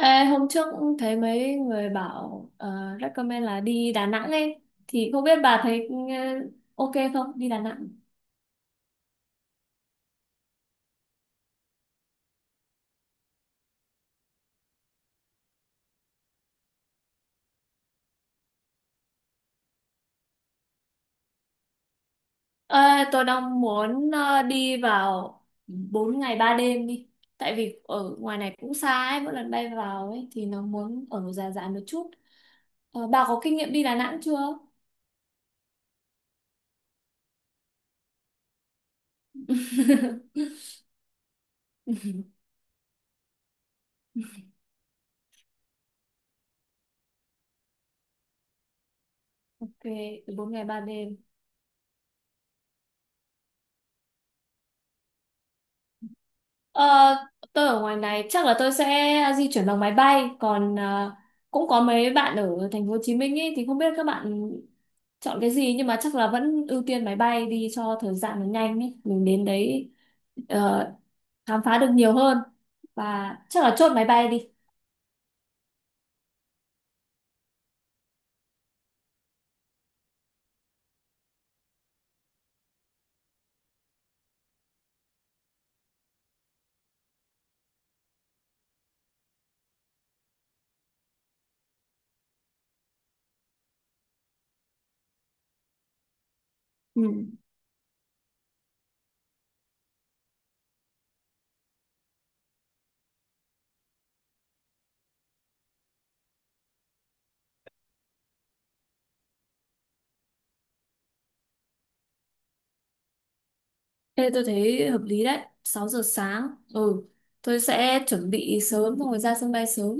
Ê, hôm trước cũng thấy mấy người bảo recommend là đi Đà Nẵng ấy, thì không biết bà thấy ok không đi Đà Nẵng. Ờ, tôi đang muốn đi vào 4 ngày 3 đêm đi, tại vì ở ngoài này cũng xa ấy, mỗi lần bay vào ấy thì nó muốn ở dài dài một chút. Bà có kinh nghiệm đi Đà Nẵng chưa? Ok, 4 ngày 3 đêm. Ờ, tôi ở ngoài này chắc là tôi sẽ di chuyển bằng máy bay, còn cũng có mấy bạn ở thành phố Hồ Chí Minh ấy thì không biết các bạn chọn cái gì, nhưng mà chắc là vẫn ưu tiên máy bay đi cho thời gian nó nhanh ấy mình đến đấy ờ, khám phá được nhiều hơn, và chắc là chốt máy bay đi. Ừ. Ê, tôi thấy hợp lý đấy, 6 giờ sáng. Ừ, tôi sẽ chuẩn bị sớm xong rồi ra sân bay sớm.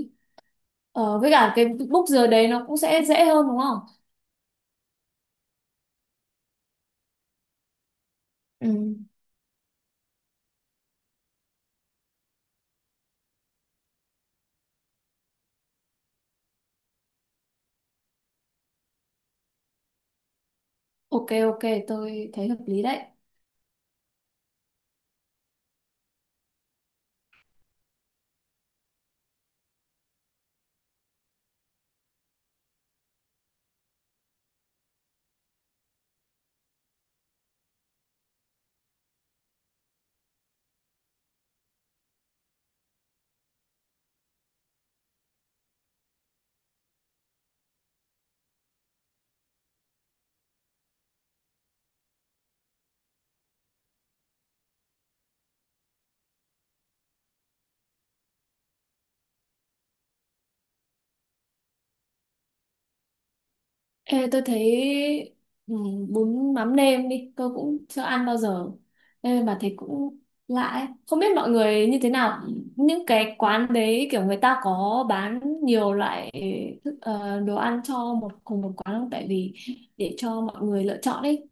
Với cả cái book giờ đấy nó cũng sẽ dễ hơn đúng không? Ừ. Ok, ok, tôi thấy hợp lý đấy. Ê, tôi thấy ừ, bún mắm nêm đi, tôi cũng chưa ăn bao giờ. Ê, mà thấy cũng lạ ấy. Không biết mọi người như thế nào, những cái quán đấy kiểu người ta có bán nhiều loại thức, đồ ăn cho một cùng một quán không? Tại vì để cho mọi người lựa chọn ấy.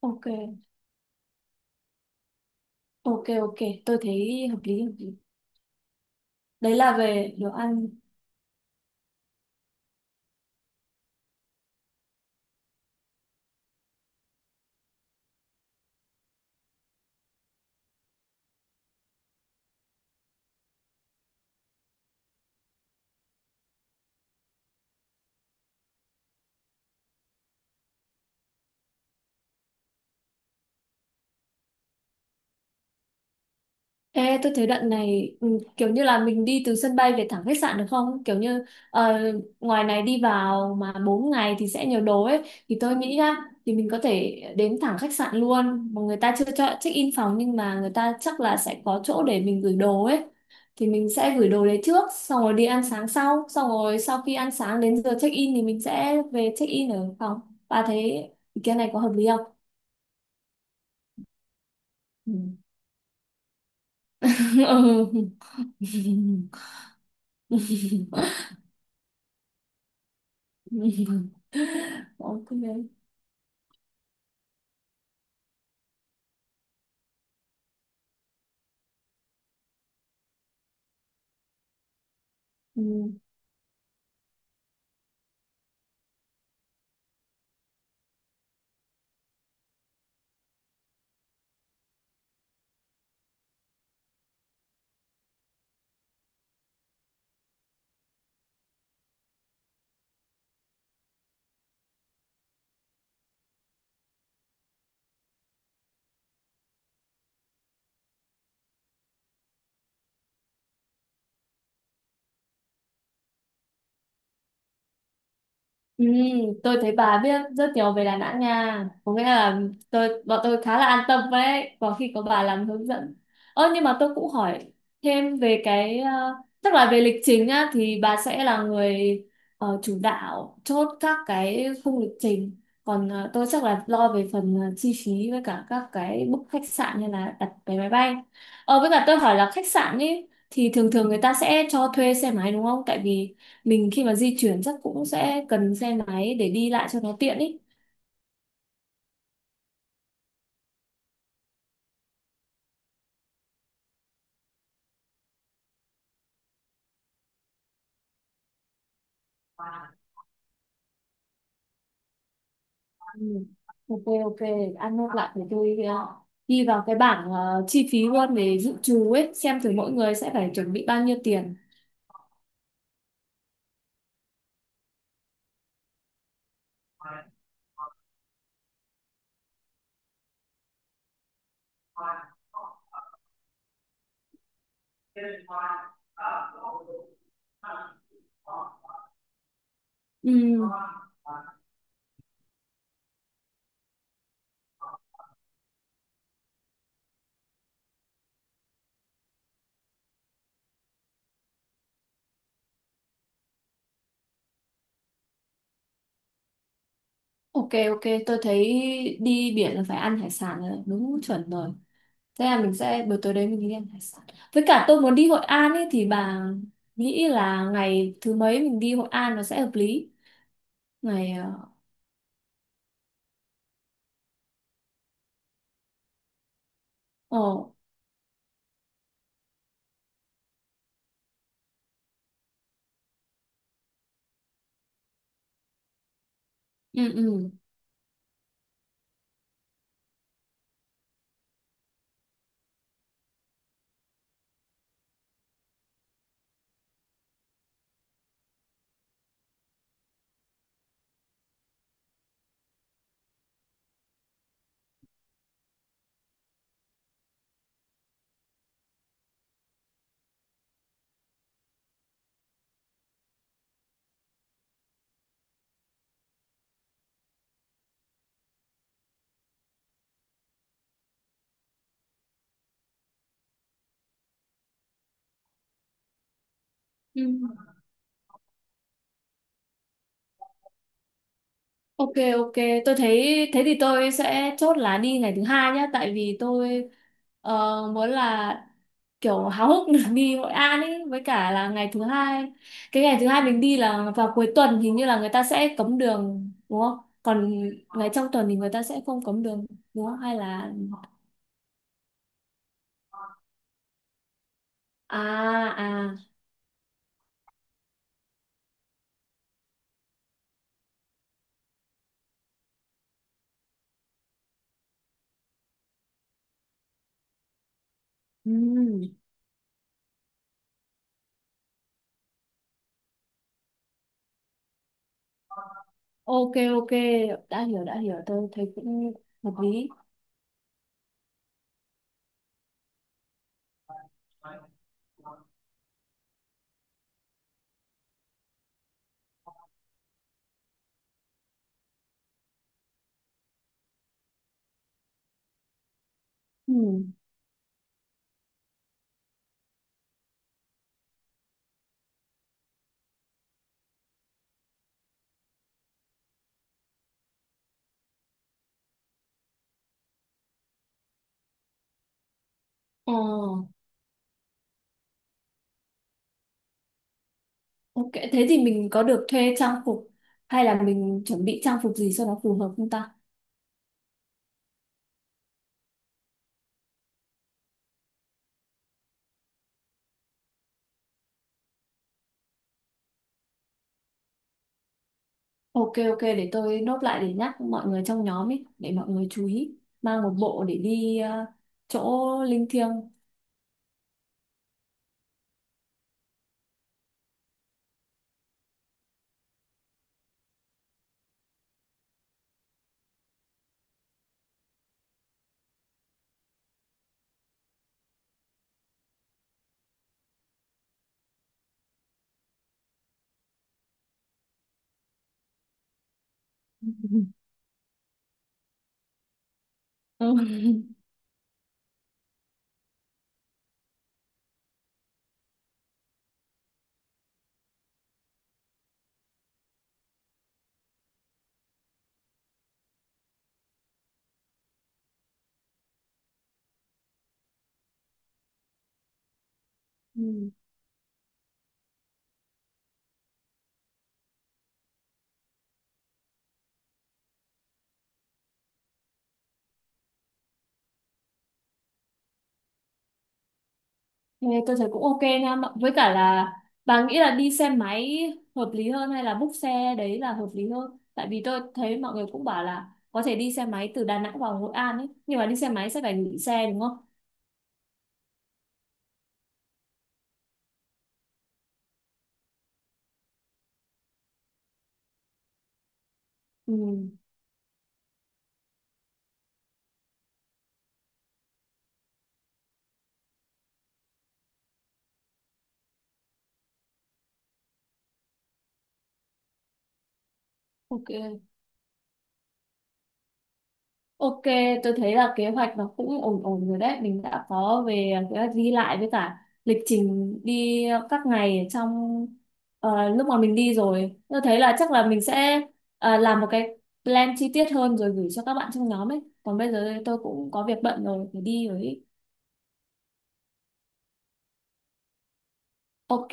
Ok, ok, ok, tôi thấy hợp lý, hợp lý. Đấy là về đồ ăn. Ê, tôi thấy đoạn này kiểu như là mình đi từ sân bay về thẳng khách sạn được không? Kiểu như ngoài này đi vào mà 4 ngày thì sẽ nhiều đồ ấy. Thì tôi nghĩ nhá, thì mình có thể đến thẳng khách sạn luôn. Mà người ta chưa cho check-in phòng, nhưng mà người ta chắc là sẽ có chỗ để mình gửi đồ ấy. Thì mình sẽ gửi đồ đấy trước, xong rồi đi ăn sáng sau. Xong rồi sau khi ăn sáng đến giờ check-in thì mình sẽ về check-in ở phòng. Bà thấy ý kiến này có hợp lý không? Ừ. Ừ. Ok. Ừ. Ừ, tôi thấy bà biết rất nhiều về Đà Nẵng nha. Có nghĩa là bọn tôi khá là an tâm đấy, có khi có bà làm hướng dẫn. Ơ, nhưng mà tôi cũng hỏi thêm về cái chắc là về lịch trình á, thì bà sẽ là người chủ đạo chốt các cái khung lịch trình. Còn tôi chắc là lo về phần chi phí với cả các cái book khách sạn như là đặt vé máy bay. Với cả tôi hỏi là khách sạn ấy thì thường thường người ta sẽ cho thuê xe máy đúng không? Tại vì mình khi mà di chuyển chắc cũng sẽ cần xe máy để đi lại cho nó tiện ý. Ừ. Ok, ok, ăn nốt lại thì tôi ghi vào cái bảng chi phí luôn để dự trù ấy, xem thử mỗi người sẽ phải chuẩn bị bao nhiêu tiền. Ừ. Ok, ok, tôi thấy đi biển là phải ăn hải sản rồi, đúng chuẩn rồi. Thế là mình sẽ buổi tối đấy mình đi ăn hải sản. Với cả tôi muốn đi Hội An ấy, thì bà nghĩ là ngày thứ mấy mình đi Hội An nó sẽ hợp lý? Ngày ờ, ừ, ừ. Ừ. Ok, ok, tôi thấy thế thì tôi sẽ chốt là đi ngày thứ hai nhá, tại vì tôi muốn là kiểu háo hức được đi Hội An ấy với cả là ngày thứ hai. Cái ngày thứ hai mình đi là vào cuối tuần, hình như là người ta sẽ cấm đường đúng không? Còn ngày trong tuần thì người ta sẽ không cấm đường đúng không? Hay là à, à, ừm, ok, ok, đã hiểu, tôi thấy cũng hợp lý. Ừ. Ờ. Ok, thế thì mình có được thuê trang phục hay là mình chuẩn bị trang phục gì cho nó phù hợp không ta? Ok, ok, để tôi nốt lại để nhắc mọi người trong nhóm ấy, để mọi người chú ý mang một bộ để đi chỗ linh thiêng. Ừ. Ừ. Thế tôi thấy cũng ok nha, với cả là bà nghĩ là đi xe máy hợp lý hơn hay là book xe đấy là hợp lý hơn? Tại vì tôi thấy mọi người cũng bảo là có thể đi xe máy từ Đà Nẵng vào Hội An ấy, nhưng mà đi xe máy sẽ phải gửi xe đúng không? Ừ. Ok. Ok, tôi thấy là kế hoạch nó cũng ổn ổn rồi đấy. Mình đã có về kế hoạch đi lại với cả lịch trình đi các ngày trong lúc mà mình đi rồi. Tôi thấy là chắc là mình sẽ làm một cái plan chi tiết hơn rồi gửi cho các bạn trong nhóm ấy. Còn bây giờ tôi cũng có việc bận rồi, phải đi rồi ấy. Ok.